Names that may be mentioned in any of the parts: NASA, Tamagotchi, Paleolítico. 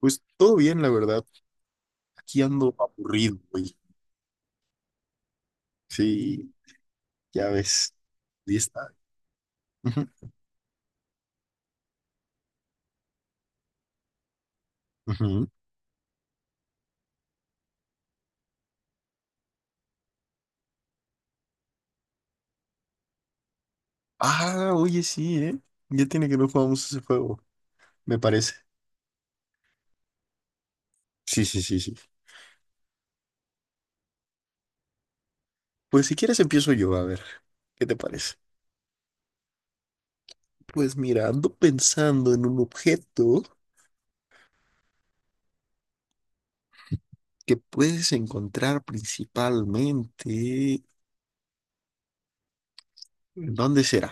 Pues todo bien, la verdad. Aquí ando aburrido, güey. Sí, ya ves. Ahí está. Ujú, ujú. Ah, oye, sí, ¿eh? Ya tiene que no jugamos ese juego, me parece. Sí, sí, sí, sí. Pues si quieres empiezo yo, a ver, ¿qué te parece? Pues mira, ando pensando en un objeto que puedes encontrar principalmente. ¿Dónde será?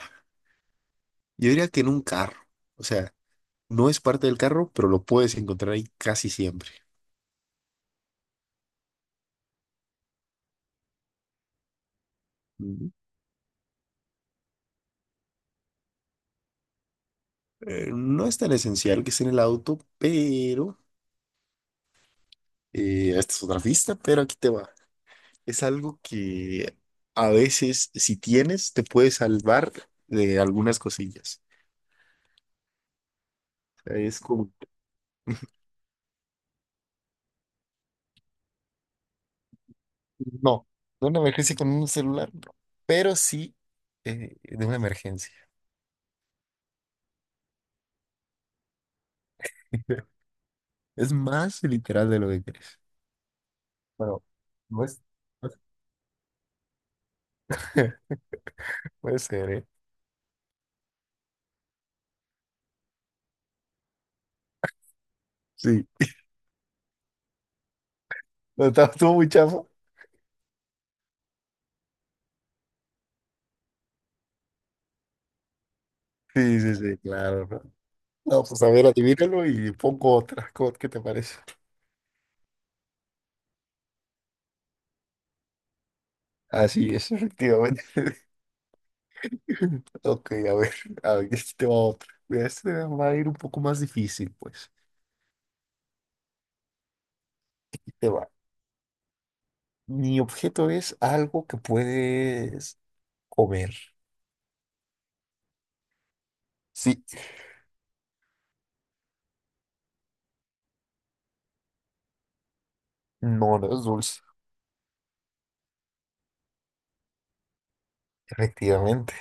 Yo diría que en un carro. O sea, no es parte del carro, pero lo puedes encontrar ahí casi siempre. No es tan esencial que esté en el auto, pero esta es otra pista, pero aquí te va. Es algo que a veces, si tienes, te puede salvar de algunas cosillas. Es como, no, de una emergencia con un celular, no, pero sí de una emergencia. Es más literal de lo que crees. Bueno, no es, puede ser, ¿eh? Sí. No, Estuvo muy chafa. Sí, sí, sí, claro. No, pues a ver, adivínalo y pongo otra. ¿Qué te parece? Así es, efectivamente. Ok, a ver, este te va otra. Mira, este va a ir un poco más difícil, pues. Ahí te va. Mi objeto es algo que puedes comer. Sí, no, no es dulce, efectivamente.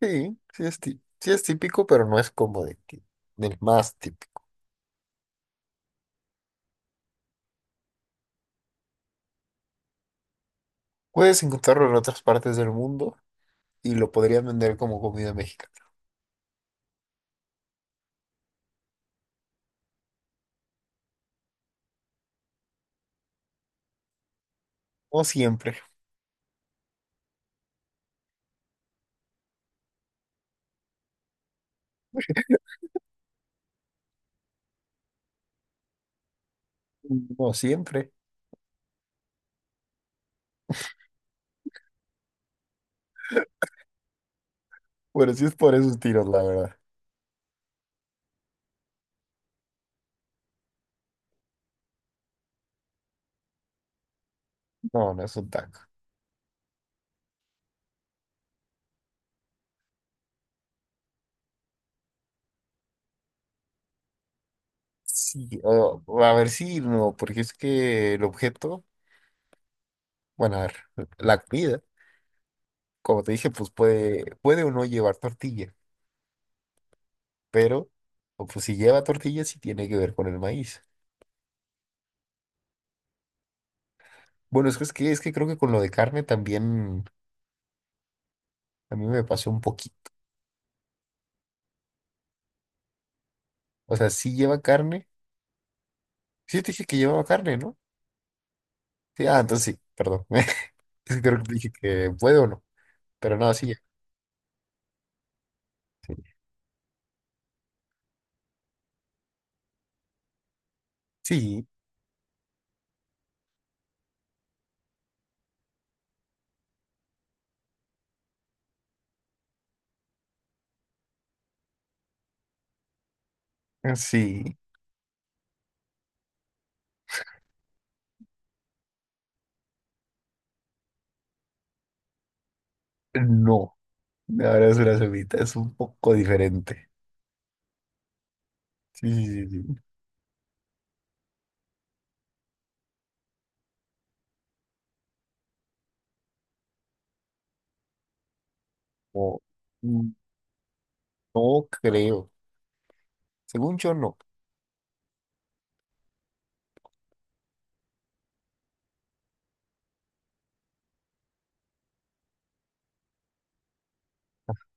Sí, sí es, sí es típico, pero no es como del más típico. Puedes encontrarlo en otras partes del mundo y lo podrías vender como comida mexicana. No siempre, no siempre. Bueno, sí es por esos tiros, la verdad. No, no es un taco. Sí, o a ver si no, porque es que el objeto, bueno, a ver, la comida, como te dije, pues puede o no llevar tortilla, pero o pues si lleva tortilla, sí tiene que ver con el maíz. Bueno, es que creo que con lo de carne también a mí me pasó un poquito. O sea, sí lleva carne. Sí te dije que llevaba carne, ¿no? Sí, ah, entonces sí, perdón. Es que creo que te dije que puede o no, pero no, sí lleva. Sí, sí. No, no, ahora es una semita, es un poco diferente. Sí, sí, sí, sí. O- mm, no creo. Según yo, no.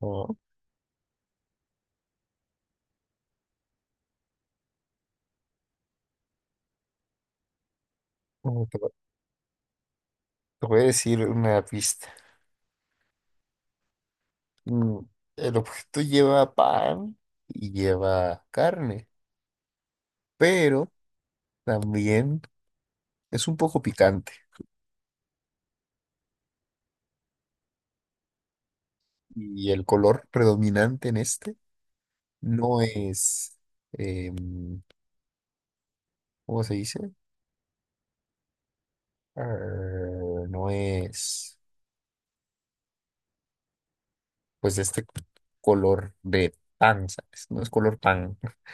No, no, voy te voy a decir una pista. Mm, El objeto lleva pan y lleva carne, pero también es un poco picante. Y el color predominante en este no es, em, ¿cómo se dice? Ah, no es, pues este color de pan, ¿sabes? No es color pan.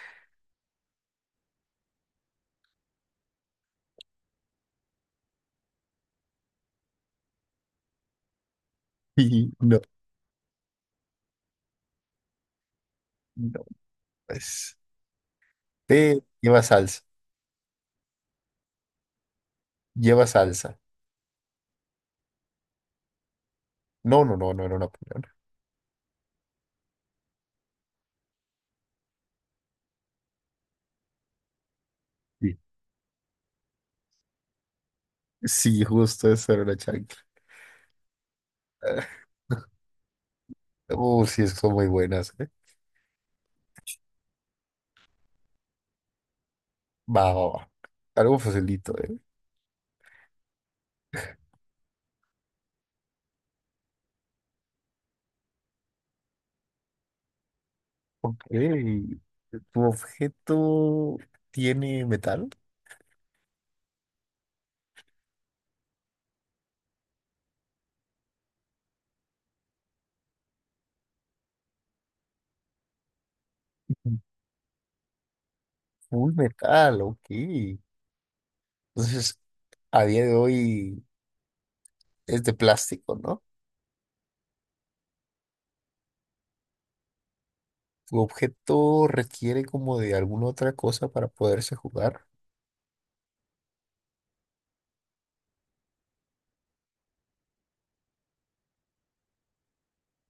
Y no, no, pues. Te lleva salsa, lleva salsa. No, no, no, no era una pulera. Sí, sí, justo eso era una chancla. Sí, es que son muy buenas, ¿eh? Va, va, va. Algo facilito, ¿eh? Ok. ¿Tu objeto tiene metal? Full metal, ok. Entonces, a día de hoy es de plástico, ¿no? ¿Tu objeto requiere como de alguna otra cosa para poderse jugar?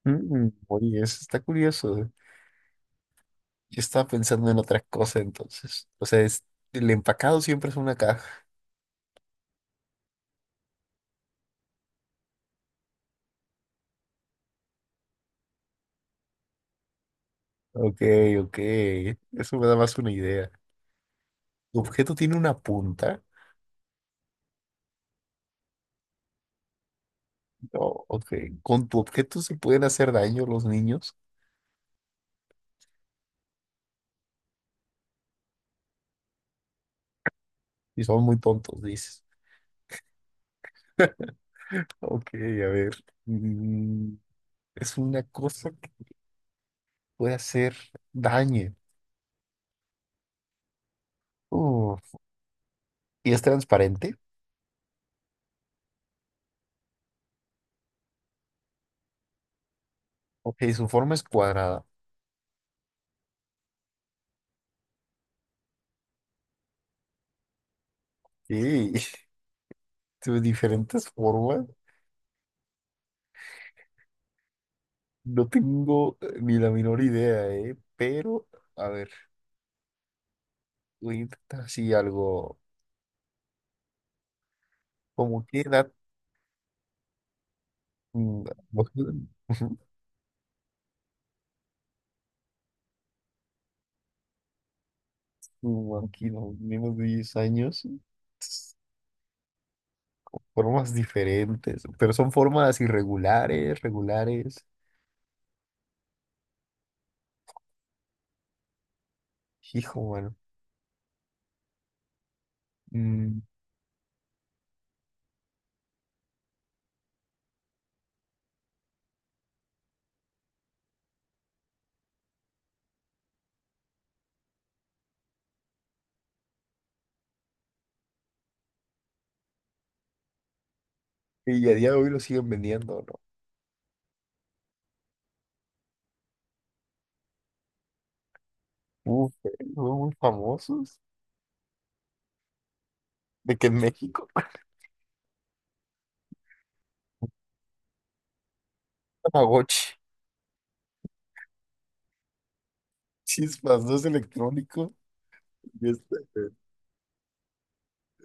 Mm, oye, eso está curioso, ¿eh? Yo estaba pensando en otra cosa entonces. O sea, el empacado siempre es una caja. Ok, ok. Eso me da más una idea. ¿Tu objeto tiene una punta? No, ok. ¿Con tu objeto se pueden hacer daño los niños? Y son muy tontos, dices. Ok, a ver. Mm, es una cosa que puede hacer daño. Uf, ¿y es transparente? Ok, su forma es cuadrada. Sí, sus diferentes formas. No tengo ni la menor idea, ¿eh? Pero, a ver, voy a intentar así algo. ¿Cómo qué edad? Mm, mm, aquí no, menos de 10 años. Formas diferentes, pero son formas irregulares, regulares. Hijo, bueno. Mm, y a día de hoy lo siguen vendiendo, ¿no? Uf, son muy famosos. De que en México, Tamagotchi. Chispas, no es electrónico. En este,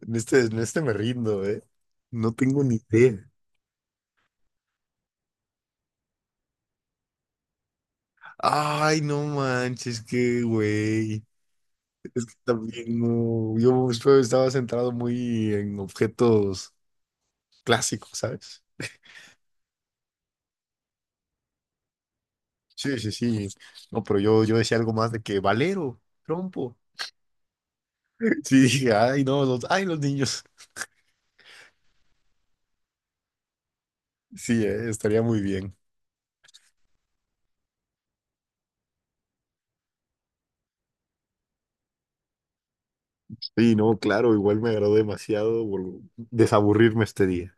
en este me rindo, ¿eh? No tengo ni idea. Ay, no manches, qué güey. Es que también no. Yo estaba centrado muy en objetos clásicos, ¿sabes? Sí, sí, sí. No, pero yo decía algo más de que Valero, trompo. Sí, dije, ay, no, ay, los niños. Sí, estaría muy bien. Sí, no, claro, igual me agradó demasiado desaburrirme este día.